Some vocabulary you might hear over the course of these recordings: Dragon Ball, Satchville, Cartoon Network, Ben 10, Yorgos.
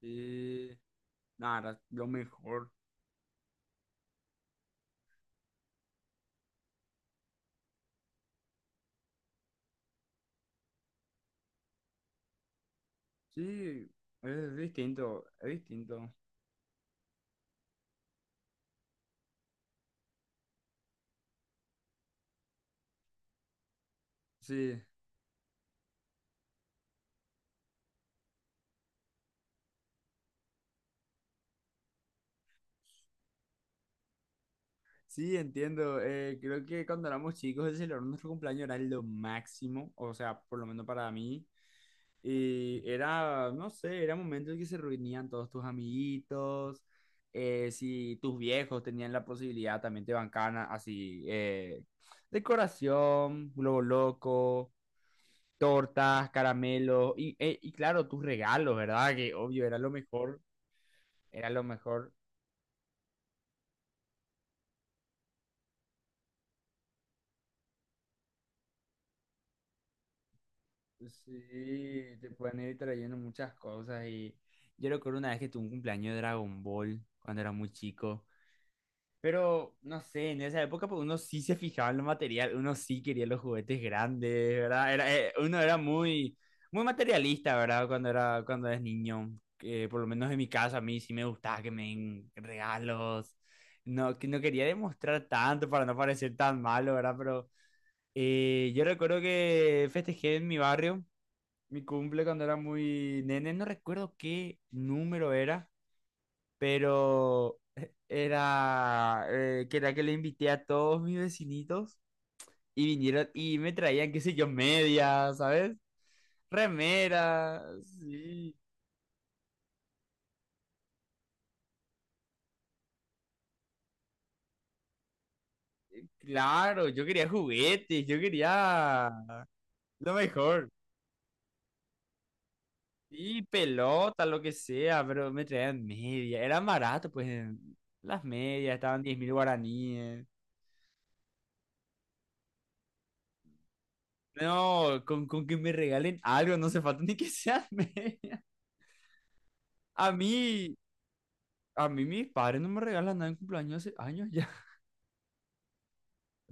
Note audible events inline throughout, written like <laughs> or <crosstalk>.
Sí, nada, era lo mejor. Sí, es distinto, es distinto. Sí, sí, entiendo. Creo que cuando éramos chicos, el celebrar nuestro cumpleaños era lo máximo, o sea, por lo menos para mí. Y era, no sé, era momento en que se reunían todos tus amiguitos. Si tus viejos tenían la posibilidad, también te bancaban así, decoración, globo loco, tortas, caramelos y claro, tus regalos, ¿verdad? Que obvio era lo mejor, era lo mejor. Sí, te pueden ir trayendo muchas cosas y yo recuerdo una vez que tuve un cumpleaños de Dragon Ball cuando era muy chico. Pero, no sé, en esa época pues, uno sí se fijaba en lo material, uno sí quería los juguetes grandes, ¿verdad? Era, uno era muy, muy materialista, ¿verdad? Cuando era, cuando eres niño. Que por lo menos en mi caso, a mí sí me gustaba que me den regalos. No, que no quería demostrar tanto para no parecer tan malo, ¿verdad? Pero yo recuerdo que festejé en mi barrio mi cumple cuando era muy nene. No recuerdo qué número era, pero era que era que le invité a todos mis vecinitos y vinieron y me traían, qué sé yo, medias, ¿sabes? Remeras, sí, claro, yo quería juguetes, yo quería lo mejor. Y pelota, lo que sea, pero me traían medias. Era barato, pues las medias estaban 10.000 guaraníes. No, con que me regalen algo, no se falta ni que sean <laughs> medias. A mí, a mí mis padres no me regalan nada en cumpleaños hace años ya. <laughs>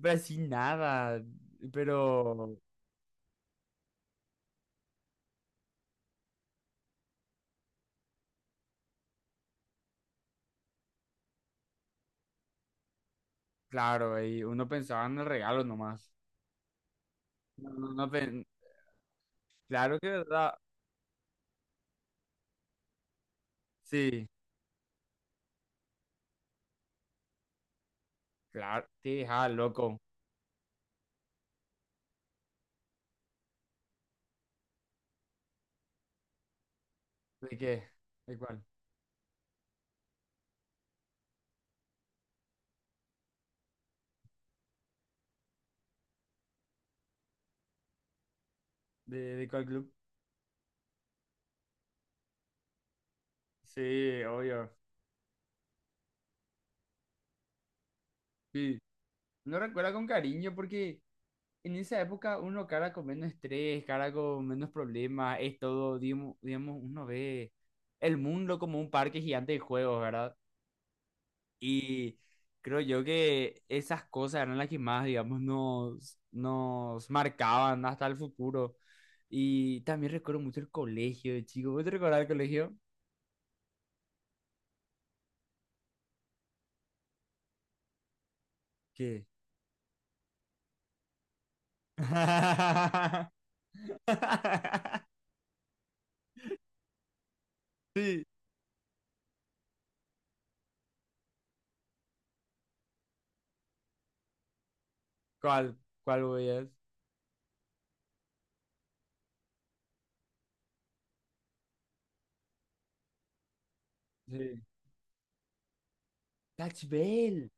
Pero así nada. Pero, claro, y uno pensaba en el regalo nomás. No, no, no pen- Claro que verdad. Sí, claro. Sí, ah, loco. ¿De qué? ¿De cuál? De cuál club? Sí, obvio. Sí. Uno recuerda con cariño porque en esa época uno cara con menos estrés, cara con menos problemas, es todo, digamos, digamos, uno ve el mundo como un parque gigante de juegos, ¿verdad? Y creo yo que esas cosas eran las que más, digamos, nos, nos marcaban hasta el futuro. Y también recuerdo mucho el colegio, de chico. ¿Vos te recordás el colegio? ¿Qué? <laughs> Sí. ¿Cuál? ¿Cuál voy a... Sí. Catch Bell.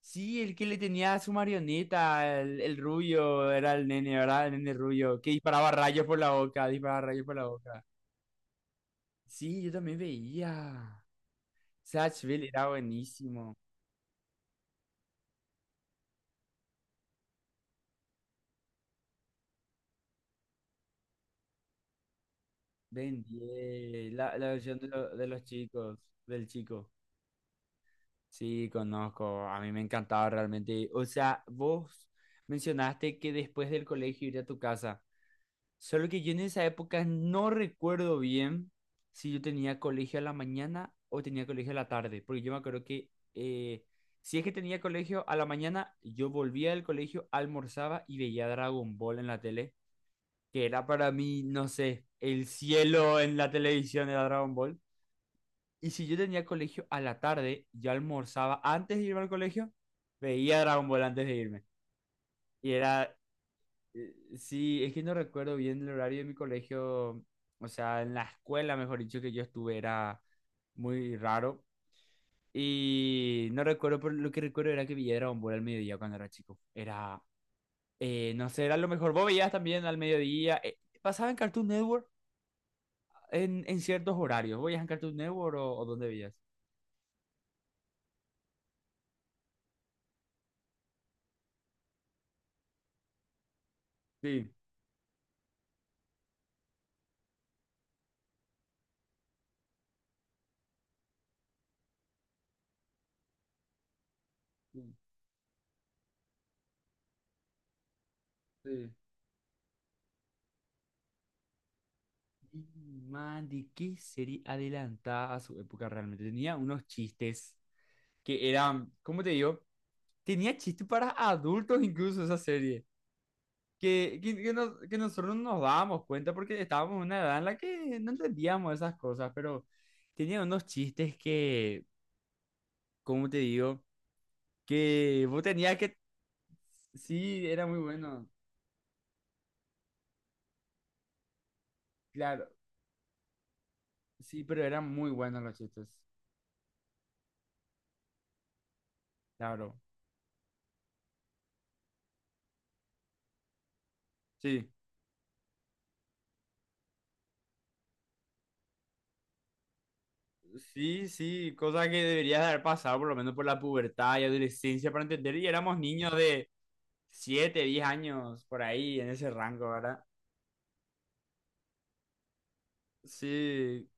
Sí, el que le tenía a su marioneta, el rubio, era el nene, ¿verdad? El nene rubio, que disparaba rayos por la boca, disparaba rayos por la boca. Sí, yo también veía. Satchville era buenísimo. Ben 10, la, la versión de, de los chicos, del chico. Sí, conozco, a mí me encantaba realmente. O sea, vos mencionaste que después del colegio ir a tu casa. Solo que yo en esa época no recuerdo bien si yo tenía colegio a la mañana o tenía colegio a la tarde. Porque yo me acuerdo que, si es que tenía colegio a la mañana, yo volvía del colegio, almorzaba y veía Dragon Ball en la tele. Que era para mí, no sé, el cielo en la televisión de Dragon Ball. Y si yo tenía colegio a la tarde, yo almorzaba antes de irme al colegio, veía Dragon Ball antes de irme. Y era, sí, es que no recuerdo bien el horario de mi colegio, o sea, en la escuela, mejor dicho, que yo estuve, era muy raro. Y no recuerdo, pero lo que recuerdo era que veía Dragon Ball al mediodía cuando era chico. Era, no sé, era lo mejor. Vos veías también al mediodía. Pasaba en Cartoon Network, en ciertos horarios. ¿Voy a en Cartoon Network o dónde veías? Sí, sí, sí. Y, Man, ¿de qué serie adelantada a su época realmente? Tenía unos chistes que eran, ¿cómo te digo? Tenía chistes para adultos incluso esa serie. Que, que nosotros no nos dábamos cuenta porque estábamos en una edad en la que no entendíamos esas cosas, pero tenía unos chistes que, ¿cómo te digo? Que vos tenías que... Sí, era muy bueno. Claro. Sí, pero eran muy buenos los chistes. Claro. Sí. Sí, cosa que deberías haber pasado por lo menos por la pubertad y adolescencia para entender. Y éramos niños de 7, 10 años, por ahí, en ese rango, ¿verdad? Sí,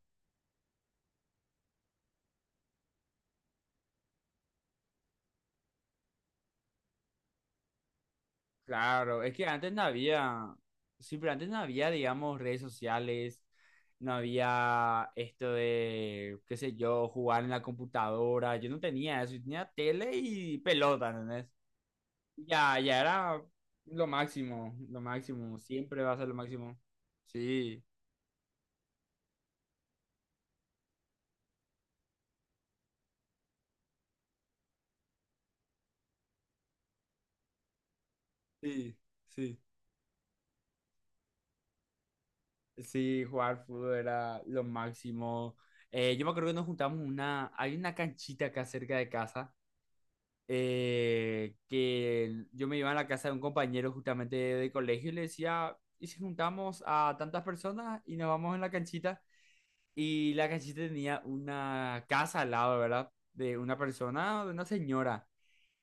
claro. Es que antes no había, sí, pero antes no había, digamos, redes sociales, no había esto de, qué sé yo, jugar en la computadora. Yo no tenía eso, yo tenía tele y pelota, ¿entendés? Ya, ya era lo máximo, siempre va a ser lo máximo. Sí, sí, sí. Sí, jugar fútbol era lo máximo. Yo me acuerdo que nos juntamos una, hay una canchita acá cerca de casa, que yo me iba a la casa de un compañero justamente de colegio y le decía, ¿y si juntamos a tantas personas y nos vamos en la canchita? Y la canchita tenía una casa al lado, ¿verdad? De una persona, de una señora.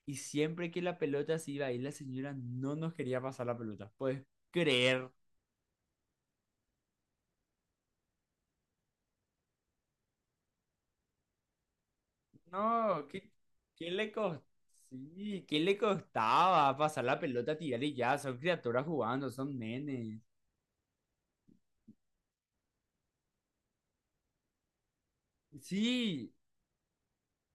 Y siempre que la pelota se iba a ir, la señora no nos quería pasar la pelota. Puedes creer. No, ¿qué, qué le costó? Sí, ¿qué le costaba pasar la pelota, tirar y ya? Son criaturas jugando, son nenes. Sí,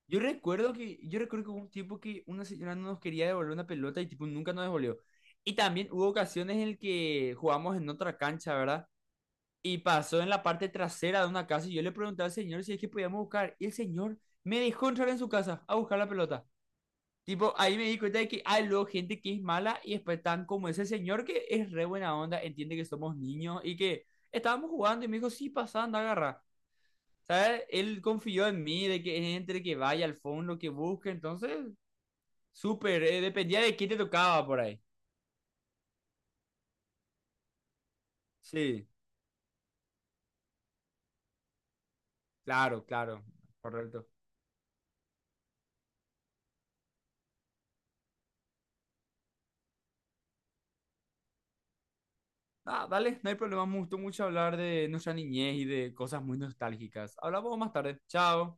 yo recuerdo que hubo un tiempo que una señora no nos quería devolver una pelota y tipo nunca nos devolvió. Y también hubo ocasiones en el que jugamos en otra cancha, ¿verdad? Y pasó en la parte trasera de una casa y yo le pregunté al señor si es que podíamos buscar. Y el señor me dejó entrar en su casa a buscar la pelota. Tipo, ahí me di cuenta de que hay luego gente que es mala y después tan como ese señor que es re buena onda, entiende que somos niños y que estábamos jugando y me dijo, sí, pasa, anda, agarra. ¿Sabes? Él confió en mí, de que entre, que vaya al fondo, que busque. Entonces, súper, dependía de qué te tocaba por ahí. Sí, claro, claro, correcto. Ah, dale, no hay problema. Me gustó mucho hablar de nuestra niñez y de cosas muy nostálgicas. Hablamos más tarde. Chao.